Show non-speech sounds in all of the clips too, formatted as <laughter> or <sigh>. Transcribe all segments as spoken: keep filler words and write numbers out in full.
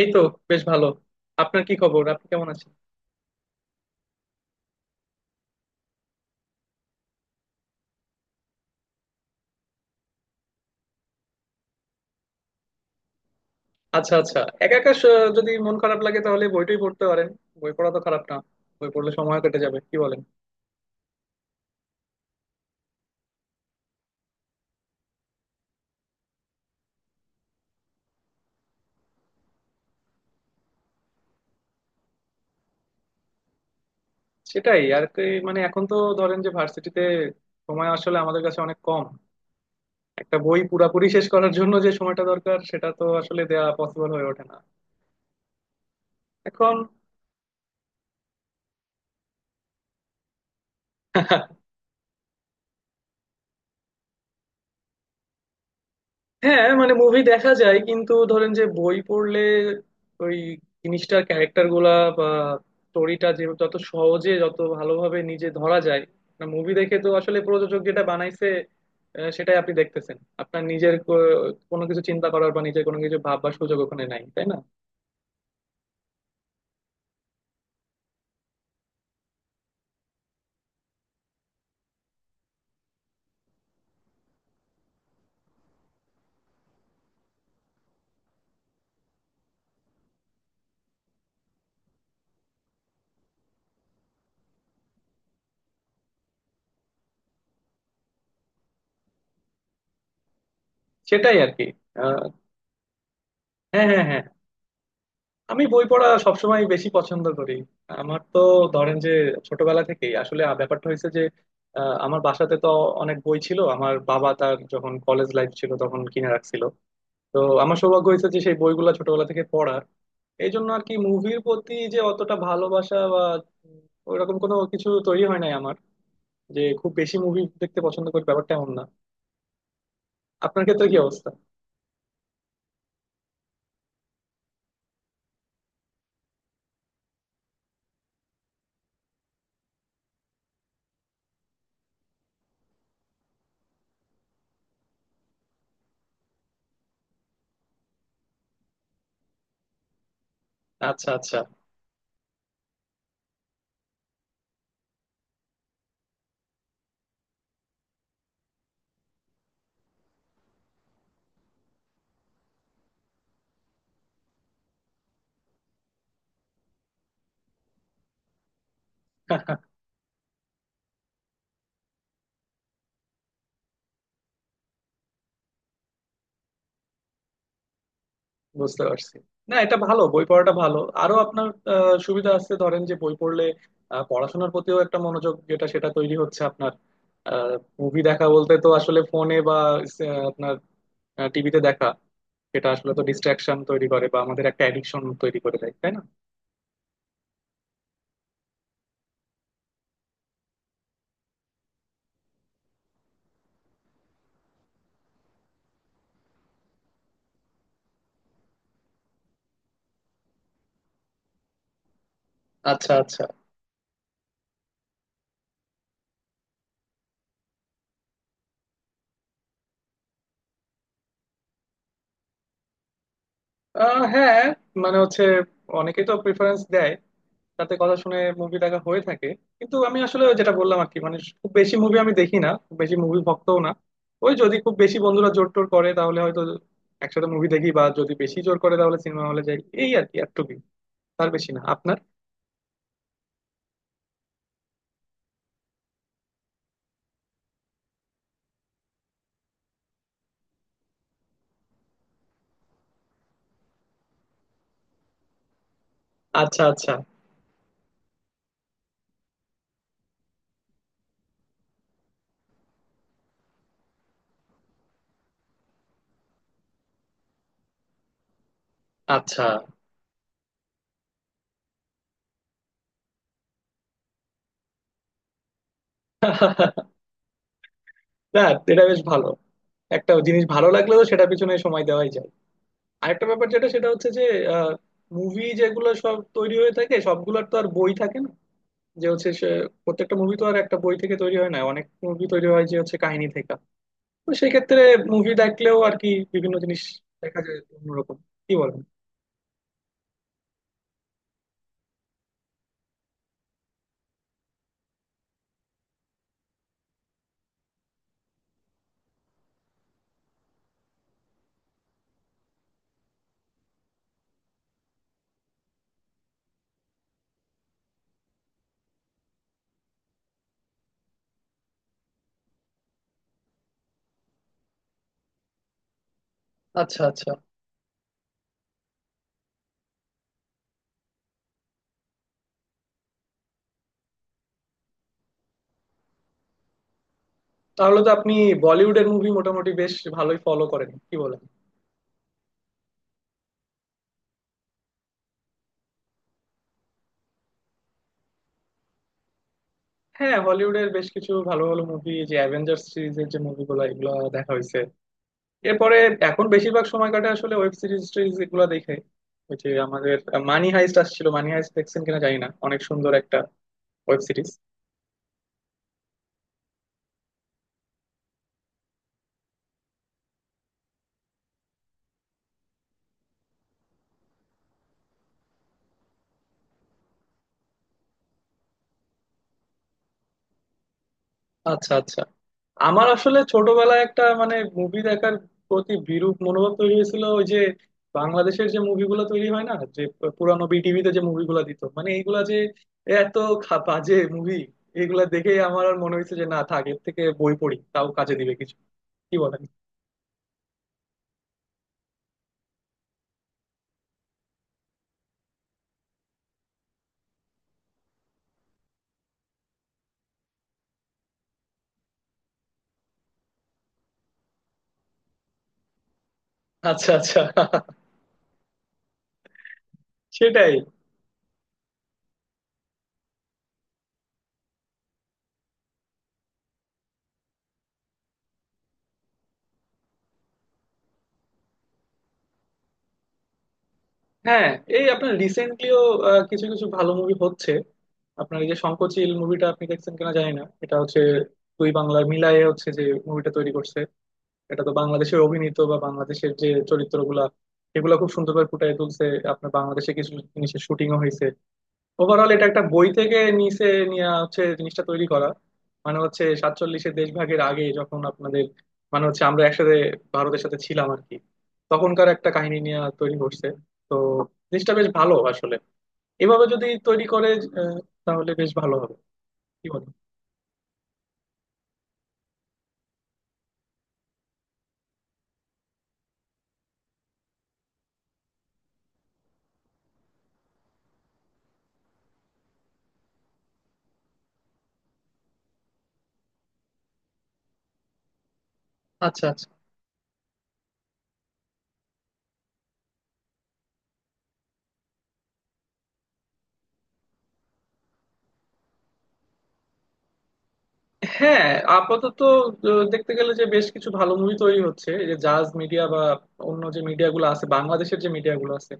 এই তো বেশ ভালো। আপনার কি খবর? আপনি কেমন আছেন? আচ্ছা আচ্ছা, একা একা স- যদি মন খারাপ লাগে তাহলে বইটাই পড়তে পারেন। বই পড়া তো খারাপ না। বই পড়লে সময় কেটে যাবে, কি বলেন? সেটাই আর কি। মানে এখন তো ধরেন যে ভার্সিটিতে সময় আসলে আমাদের কাছে অনেক কম। একটা বই পুরাপুরি শেষ করার জন্য যে সময়টা দরকার সেটা তো আসলে দেয়া পসিবল হয়ে ওঠে না। এখন <laughs> হ্যাঁ মানে মুভি দেখা যায়, কিন্তু ধরেন যে বই পড়লে ওই জিনিসটার ক্যারেক্টার গুলা বা স্টোরিটা যে যত সহজে যত ভালোভাবে নিজে ধরা যায়, না মুভি দেখে তো আসলে প্রযোজক যেটা বানাইছে আহ, সেটাই আপনি দেখতেছেন। আপনার নিজের কো- কোনো কিছু চিন্তা করার বা নিজের কোনো কিছু ভাববার সুযোগ ওখানে নাই, তাই না? সেটাই আর কি। আহ, হ্যাঁ হ্যাঁ হ্যাঁ। আমি বই পড়া সবসময় বেশি পছন্দ করি। আমার তো ধরেন যে ছোটবেলা থেকেই আসলে আ- ব্যাপারটা হয়েছে যে আহ, আমার বাসাতে তো অনেক বই ছিল। আমার বাবা তার যখন কলেজ লাইফ ছিল তখন কিনে রাখছিল। তো আমার সৌভাগ্য হয়েছে যে সেই বইগুলা ছোটবেলা থেকে পড়ার। এই জন্য আর কি মুভির প্রতি যে অতটা ভালোবাসা বা উম, ওইরকম কোনো কিছু তৈরি হয় নাই আমার। যে খুব বেশি মুভি দেখতে পছন্দ করি ব্যাপারটা এমন না। আপনার ক্ষেত্রে কি অবস্থা? আচ্ছা আচ্ছা, বুঝতে পারছি। না এটা ভালো, বই পড়াটা ভালো। আরো আপনার আহ, সুবিধা আছে, ধরেন যে বই পড়লে আহ, পড়াশোনার প্রতিও একটা মনোযোগ যেটা সেটা তৈরি হচ্ছে আপনার। মুভি দেখা বলতে তো আসলে ফোনে বা আহ, আপনার টিভিতে দেখা। এটা আসলে তো ডিস্ট্রাকশন তৈরি করে বা আমাদের একটা অ্যাডিকশন তৈরি করে দেয়, তাই না? আচ্ছা আচ্ছা। আহ, হ্যাঁ মানে হচ্ছে অনেকেই তো প্রিফারেন্স দেয়। রাতে কথা শুনে মুভি দেখা হয়ে থাকে। কিন্তু আমি আসলে যেটা বললাম আর কি, মানে খুব বেশি মুভি আমি দেখি না, খুব বেশি মুভি ভক্তও না। ওই যদি খুব বেশি বন্ধুরা জোর টোর করে তাহলে হয়তো একসাথে মুভি দেখি, বা যদি বেশি জোর করে তাহলে সিনেমা হলে যাই, এই আর কি এতটুকুই। তার বেশি না। আপনার? আচ্ছা আচ্ছা আচ্ছা। <laughs> না এটা বেশ ভালো। একটা জিনিস ভালো লাগলে তো সেটা পিছনে সময় দেওয়াই যায়। আরেকটা ব্যাপার যেটা সেটা হচ্ছে যে মুভি যেগুলো সব তৈরি হয়ে থাকে সবগুলোর তো আর বই থাকে না। যে হচ্ছে সে প্রত্যেকটা মুভি তো আর একটা বই থেকে তৈরি হয় না, অনেক মুভি তৈরি হয় যে হচ্ছে কাহিনী থেকে। তো সেই ক্ষেত্রে মুভি দেখলেও আর কি বিভিন্ন জিনিস দেখা যায় একটু অন্যরকম, কি বলেন? আচ্ছা আচ্ছা। তাহলে তো আপনি বলিউডের মুভি মোটামুটি বেশ ভালোই ফলো করেন, কি বলেন? হ্যাঁ হলিউডের বেশ কিছু ভালো ভালো মুভি, যে অ্যাভেঞ্জার সিরিজের যে মুভিগুলো এগুলো দেখা হয়েছে। এরপরে এখন বেশিরভাগ সময় কাটে আসলে ওয়েব সিরিজ টিরিজ এগুলো দেখে। ওই যে আমাদের মানি হাইস্ট আসছিল, মানি হাইস্ট দেখছেন কিনা জানি না, অনেক সুন্দর একটা ওয়েব সিরিজ। আচ্ছা আচ্ছা। আমার আসলে ছোটবেলায় একটা মানে মুভি দেখার প্রতি বিরূপ মনোভাব তৈরি হয়েছিল। ওই যে বাংলাদেশের যে মুভিগুলো তৈরি হয় না, যে পুরানো বিটিভিতে যে মুভিগুলো দিত, মানে এইগুলা যে এত খা- বাজে মুভি। এগুলা দেখেই আমার আর মনে হয়েছে যে না থাক, এর থেকে বই পড়ি তাও কাজে দিবে কিছু, কি বলেন? আচ্ছা আচ্ছা, সেটাই। হ্যাঁ এই আপনার রিসেন্টলিও কিছু কিছু ভালো মুভি হচ্ছে। আপনার এই যে শঙ্খচিল মুভিটা আপনি দেখছেন কিনা জানি না, এটা হচ্ছে দুই বাংলার মিলায়ে হচ্ছে যে মুভিটা তৈরি করছে। এটা তো বাংলাদেশের অভিনীত বা বাংলাদেশের যে চরিত্রগুলা এগুলা খুব সুন্দরভাবে ফুটিয়ে তুলছে। আপনার বাংলাদেশে কিছু জিনিসের শুটিংও হয়েছে। ওভারঅল এটা একটা বই থেকে নিচে নিয়ে হচ্ছে জিনিসটা তৈরি করা। মানে হচ্ছে সাতচল্লিশের দেশভাগের আগে যখন আপনাদের মানে হচ্ছে আমরা একসাথে ভারতের সাথে ছিলাম আর কি, তখনকার একটা কাহিনী নিয়ে তৈরি করছে। তো জিনিসটা বেশ ভালো আসলে, এভাবে যদি তৈরি করে আহ, তাহলে বেশ ভালো হবে, কি বলো? আচ্ছা আচ্ছা। হ্যাঁ আপাতত আহ, দেখতে গেলে যে বেশ কিছু ভালো মুভি তৈরি হচ্ছে। এই যে জাজ মিডিয়া বা অন্য যে মিডিয়াগুলো আছে, বাংলাদেশের যে মিডিয়াগুলো আছে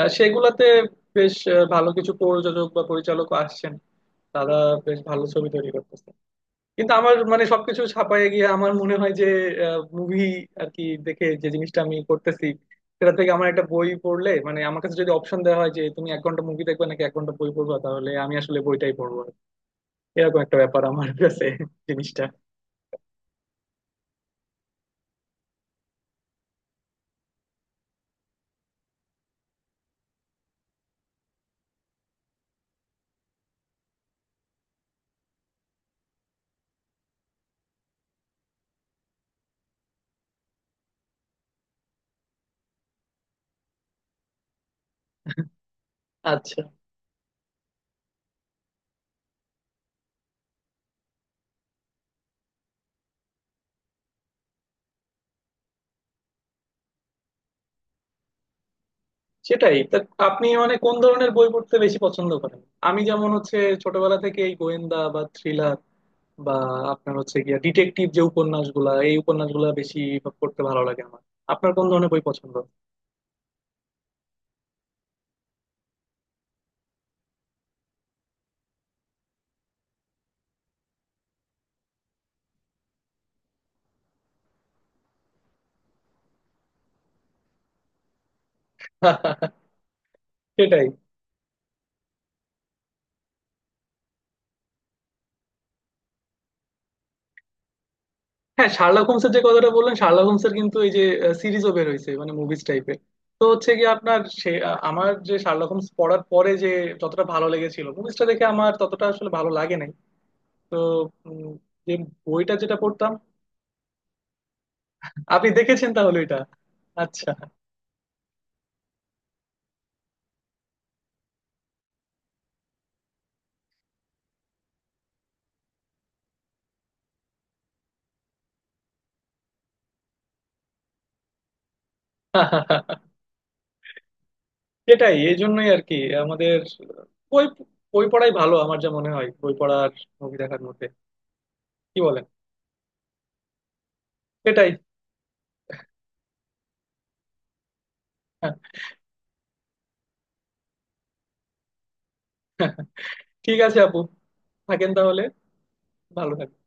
আহ, সেগুলাতে বেশ আহ, ভালো কিছু প্রযোজক বা পরিচালক আসছেন। তারা বেশ ভালো ছবি তৈরি করতেছে। কিন্তু আমার মানে সবকিছু ছাপায় গিয়ে আমার মনে হয় যে মুভি আর কি দেখে যে জিনিসটা আমি করতেছি, সেটা থেকে আমার একটা বই পড়লে, মানে আমার কাছে যদি অপশন দেওয়া হয় যে তুমি এক ঘন্টা মুভি দেখবে নাকি এক ঘন্টা বই পড়বা, তাহলে আমি আসলে বইটাই পড়বো। এরকম একটা ব্যাপার আমার কাছে জিনিসটা। আচ্ছা সেটাই তা। আপনি মানে কোন ধরনের বই পড়তে বেশি পছন্দ করেন? আমি যেমন হচ্ছে ছোটবেলা থেকে এই গোয়েন্দা বা থ্রিলার বা আপনার হচ্ছে গিয়া ডিটেকটিভ যে উপন্যাসগুলা, এই উপন্যাসগুলা বেশি পড়তে ভালো লাগে আমার। আপনার কোন ধরনের বই পছন্দ? <laughs> সেটাই। হ্যাঁ শার্লক হোমসের যে কথাটা বললেন, শার্লক হোমসের কিন্তু এই যে সিরিজও বের হয়েছে, মানে মুভিজ টাইপের। তো হচ্ছে কি আপনার সে আহ, আমার যে শার্লক হোমস পড়ার পরে যে যতটা ভালো লেগেছিল, মুভিজটা দেখে আমার ততটা আসলে ভালো লাগে নাই। তো উম, যে বইটা যেটা পড়তাম। আপনি দেখেছেন তাহলে এটা? আচ্ছা সেটাই এই জন্যই আর কি। আমাদের বই বই পড়াই ভালো আমার যা মনে হয়, বই পড়ার, মুভি দেখার মধ্যে, কি বলেন? সেটাই। ঠিক আছে আপু, থাকেন তাহলে। ভালো থাকেন।